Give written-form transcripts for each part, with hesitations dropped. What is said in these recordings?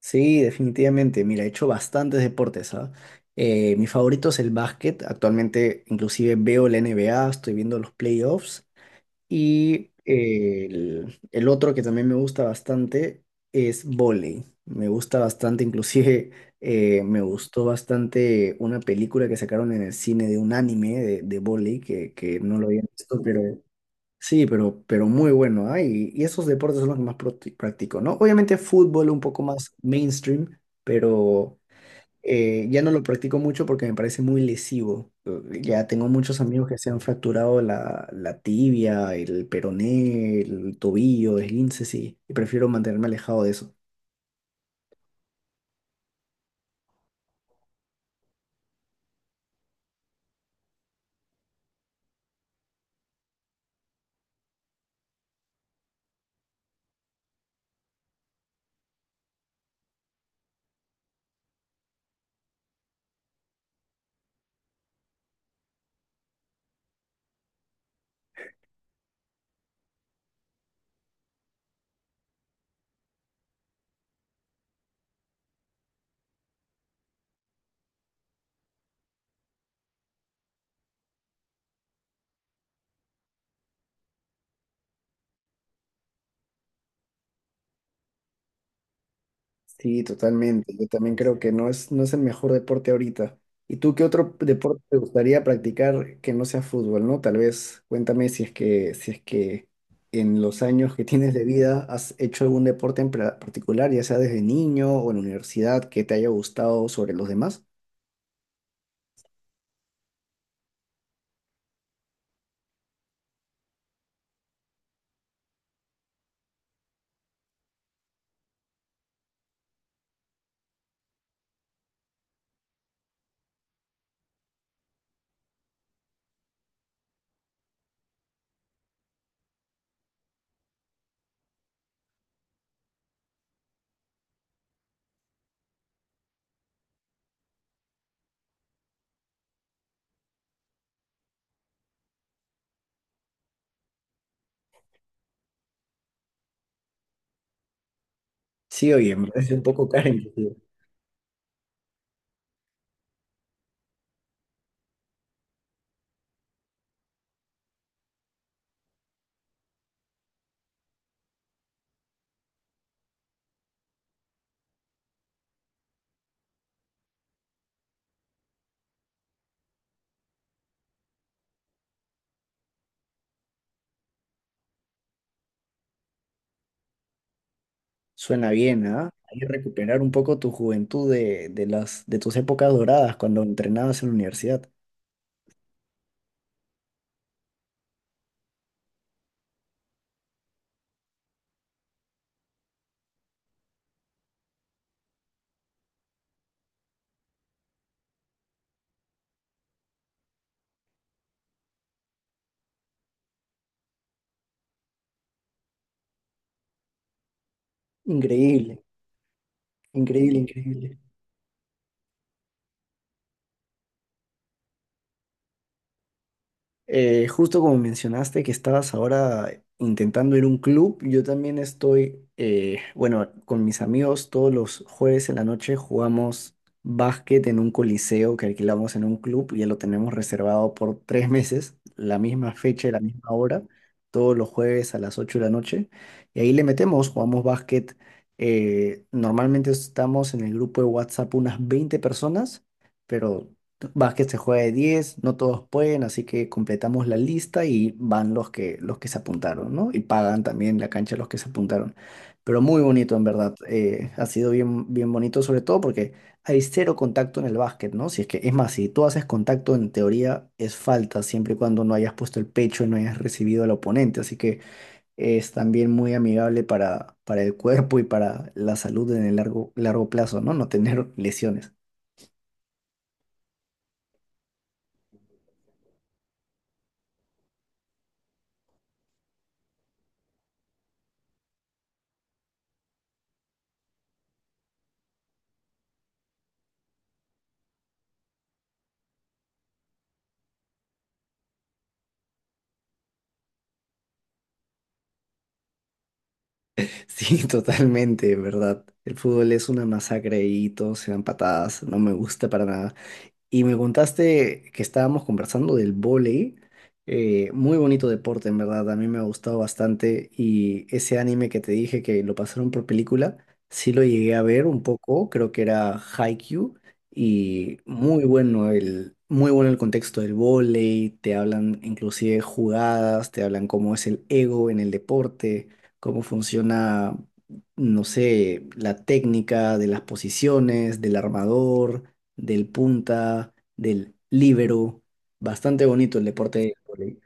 Sí, definitivamente. Mira, he hecho bastantes deportes, ¿ah? Mi favorito es el básquet. Actualmente inclusive veo la NBA, estoy viendo los playoffs. Y el otro que también me gusta bastante es vóley. Me gusta bastante, inclusive me gustó bastante una película que sacaron en el cine de un anime de vóley que no lo había visto, pero sí, pero muy bueno, ¿ah? Y esos deportes son los que más practico, ¿no? Obviamente fútbol un poco más mainstream, pero ya no lo practico mucho porque me parece muy lesivo. Ya tengo muchos amigos que se han fracturado la tibia, el peroné, el tobillo, esguinces, y prefiero mantenerme alejado de eso. Sí, totalmente. Yo también creo que no es el mejor deporte ahorita. ¿Y tú qué otro deporte te gustaría practicar que no sea fútbol, ¿no? Tal vez cuéntame si es que en los años que tienes de vida has hecho algún deporte en particular, ya sea desde niño o en la universidad, que te haya gustado sobre los demás. Sí, oye, me parece un poco cara inclusive. Suena bien, ¿ah? Hay que recuperar un poco tu juventud de tus épocas doradas cuando entrenabas en la universidad. Increíble, increíble, increíble. Justo como mencionaste que estabas ahora intentando ir a un club, yo también estoy, bueno, con mis amigos todos los jueves en la noche jugamos básquet en un coliseo que alquilamos en un club, ya lo tenemos reservado por 3 meses, la misma fecha y la misma hora, todos los jueves a las 8 de la noche, y ahí le metemos, jugamos básquet. Normalmente estamos en el grupo de WhatsApp unas 20 personas, pero básquet se juega de 10, no todos pueden, así que completamos la lista y van los que se apuntaron, ¿no? Y pagan también la cancha los que se apuntaron. Pero muy bonito, en verdad. Ha sido bien bonito, sobre todo porque hay cero contacto en el básquet, ¿no? Si es que, es más, si tú haces contacto, en teoría es falta, siempre y cuando no hayas puesto el pecho y no hayas recibido al oponente. Así que es también muy amigable para el cuerpo y para la salud en el largo plazo, ¿no? No tener lesiones. Sí, totalmente, ¿verdad? El fútbol es una masacre y todos se dan patadas, no me gusta para nada. Y me contaste que estábamos conversando del vóley, muy bonito deporte en verdad, a mí me ha gustado bastante y ese anime que te dije que lo pasaron por película, sí lo llegué a ver un poco, creo que era Haikyuu y muy bueno el contexto del vóley, te hablan inclusive jugadas, te hablan cómo es el ego en el deporte, cómo funciona, no sé, la técnica de las posiciones, del armador del punta, del líbero. Bastante bonito el deporte del vóley.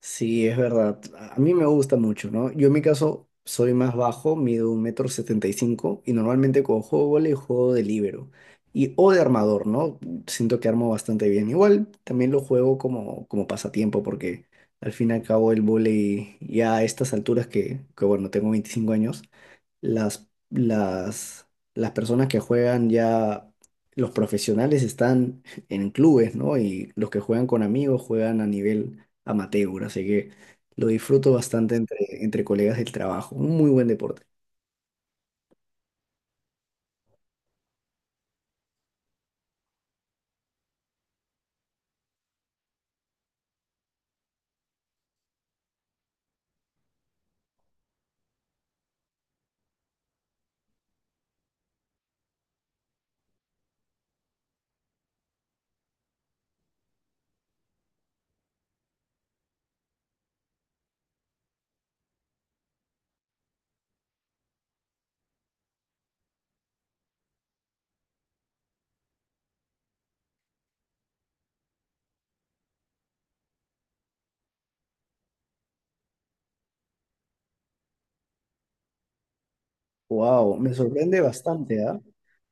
Sí, es verdad. A mí me gusta mucho, ¿no? Yo en mi caso soy más bajo, mido un metro 75 y normalmente cuando juego vóley juego de líbero y o de armador, ¿no? Siento que armo bastante bien. Igual también lo juego como, como pasatiempo porque al fin y al cabo el vóley ya a estas alturas que bueno, tengo 25 años, las, las, las personas que juegan ya, los profesionales están en clubes, ¿no? Y los que juegan con amigos juegan a nivel amateur, así que lo disfruto bastante entre, entre colegas del trabajo. Un muy buen deporte. Wow, me sorprende bastante, ¿ah?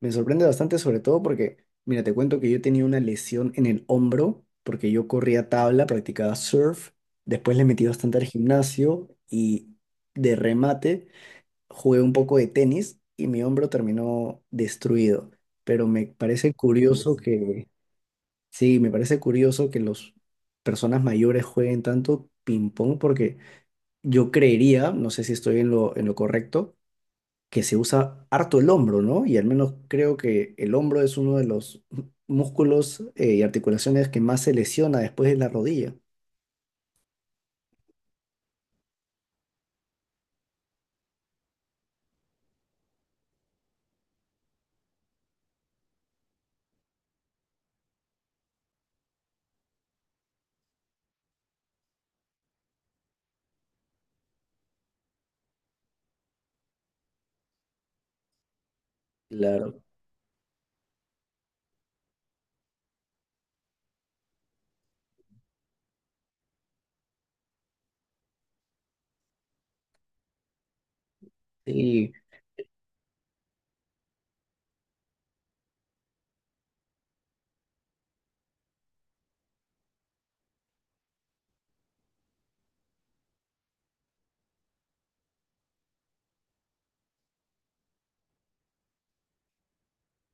Me sorprende bastante sobre todo porque, mira, te cuento que yo tenía una lesión en el hombro porque yo corría tabla, practicaba surf, después le metí bastante al gimnasio y de remate jugué un poco de tenis y mi hombro terminó destruido. Pero me parece curioso pues, que, sí, me parece curioso que las personas mayores jueguen tanto ping-pong porque yo creería, no sé si estoy en en lo correcto, que se usa harto el hombro, ¿no? Y al menos creo que el hombro es uno de los músculos y articulaciones que más se lesiona después de la rodilla. Claro. Sí,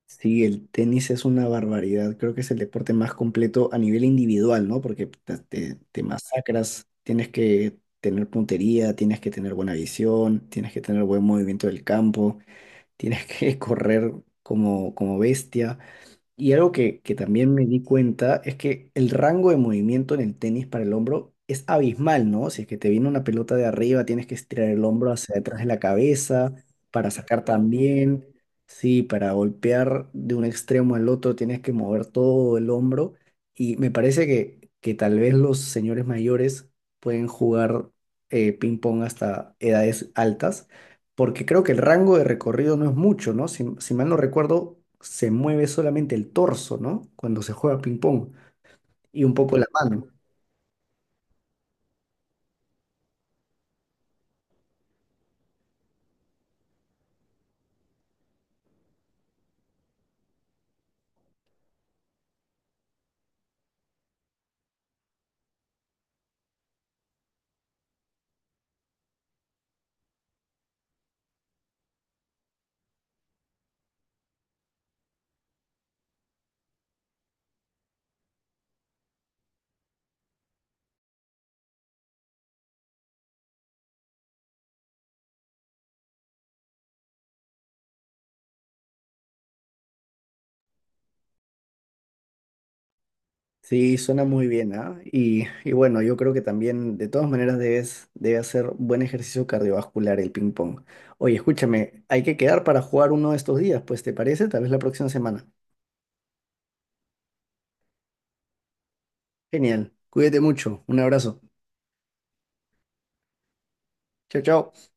sí, el tenis es una barbaridad. Creo que es el deporte más completo a nivel individual, ¿no? Porque te masacras, tienes que tener puntería, tienes que tener buena visión, tienes que tener buen movimiento del campo, tienes que correr como, como bestia. Y algo que también me di cuenta es que el rango de movimiento en el tenis para el hombro es abismal, ¿no? Si es que te viene una pelota de arriba, tienes que estirar el hombro hacia detrás de la cabeza para sacar también. Sí, para golpear de un extremo al otro tienes que mover todo el hombro. Y me parece que tal vez los señores mayores pueden jugar ping-pong hasta edades altas porque creo que el rango de recorrido no es mucho, ¿no? Si, si mal no recuerdo, se mueve solamente el torso, ¿no? Cuando se juega ping-pong y un poco la mano. Sí, suena muy bien, ¿ah? Y bueno, yo creo que también, de todas maneras, debes, debe hacer buen ejercicio cardiovascular el ping-pong. Oye, escúchame, hay que quedar para jugar uno de estos días, pues, ¿te parece? Tal vez la próxima semana. Genial. Cuídate mucho. Un abrazo. Chao, chao.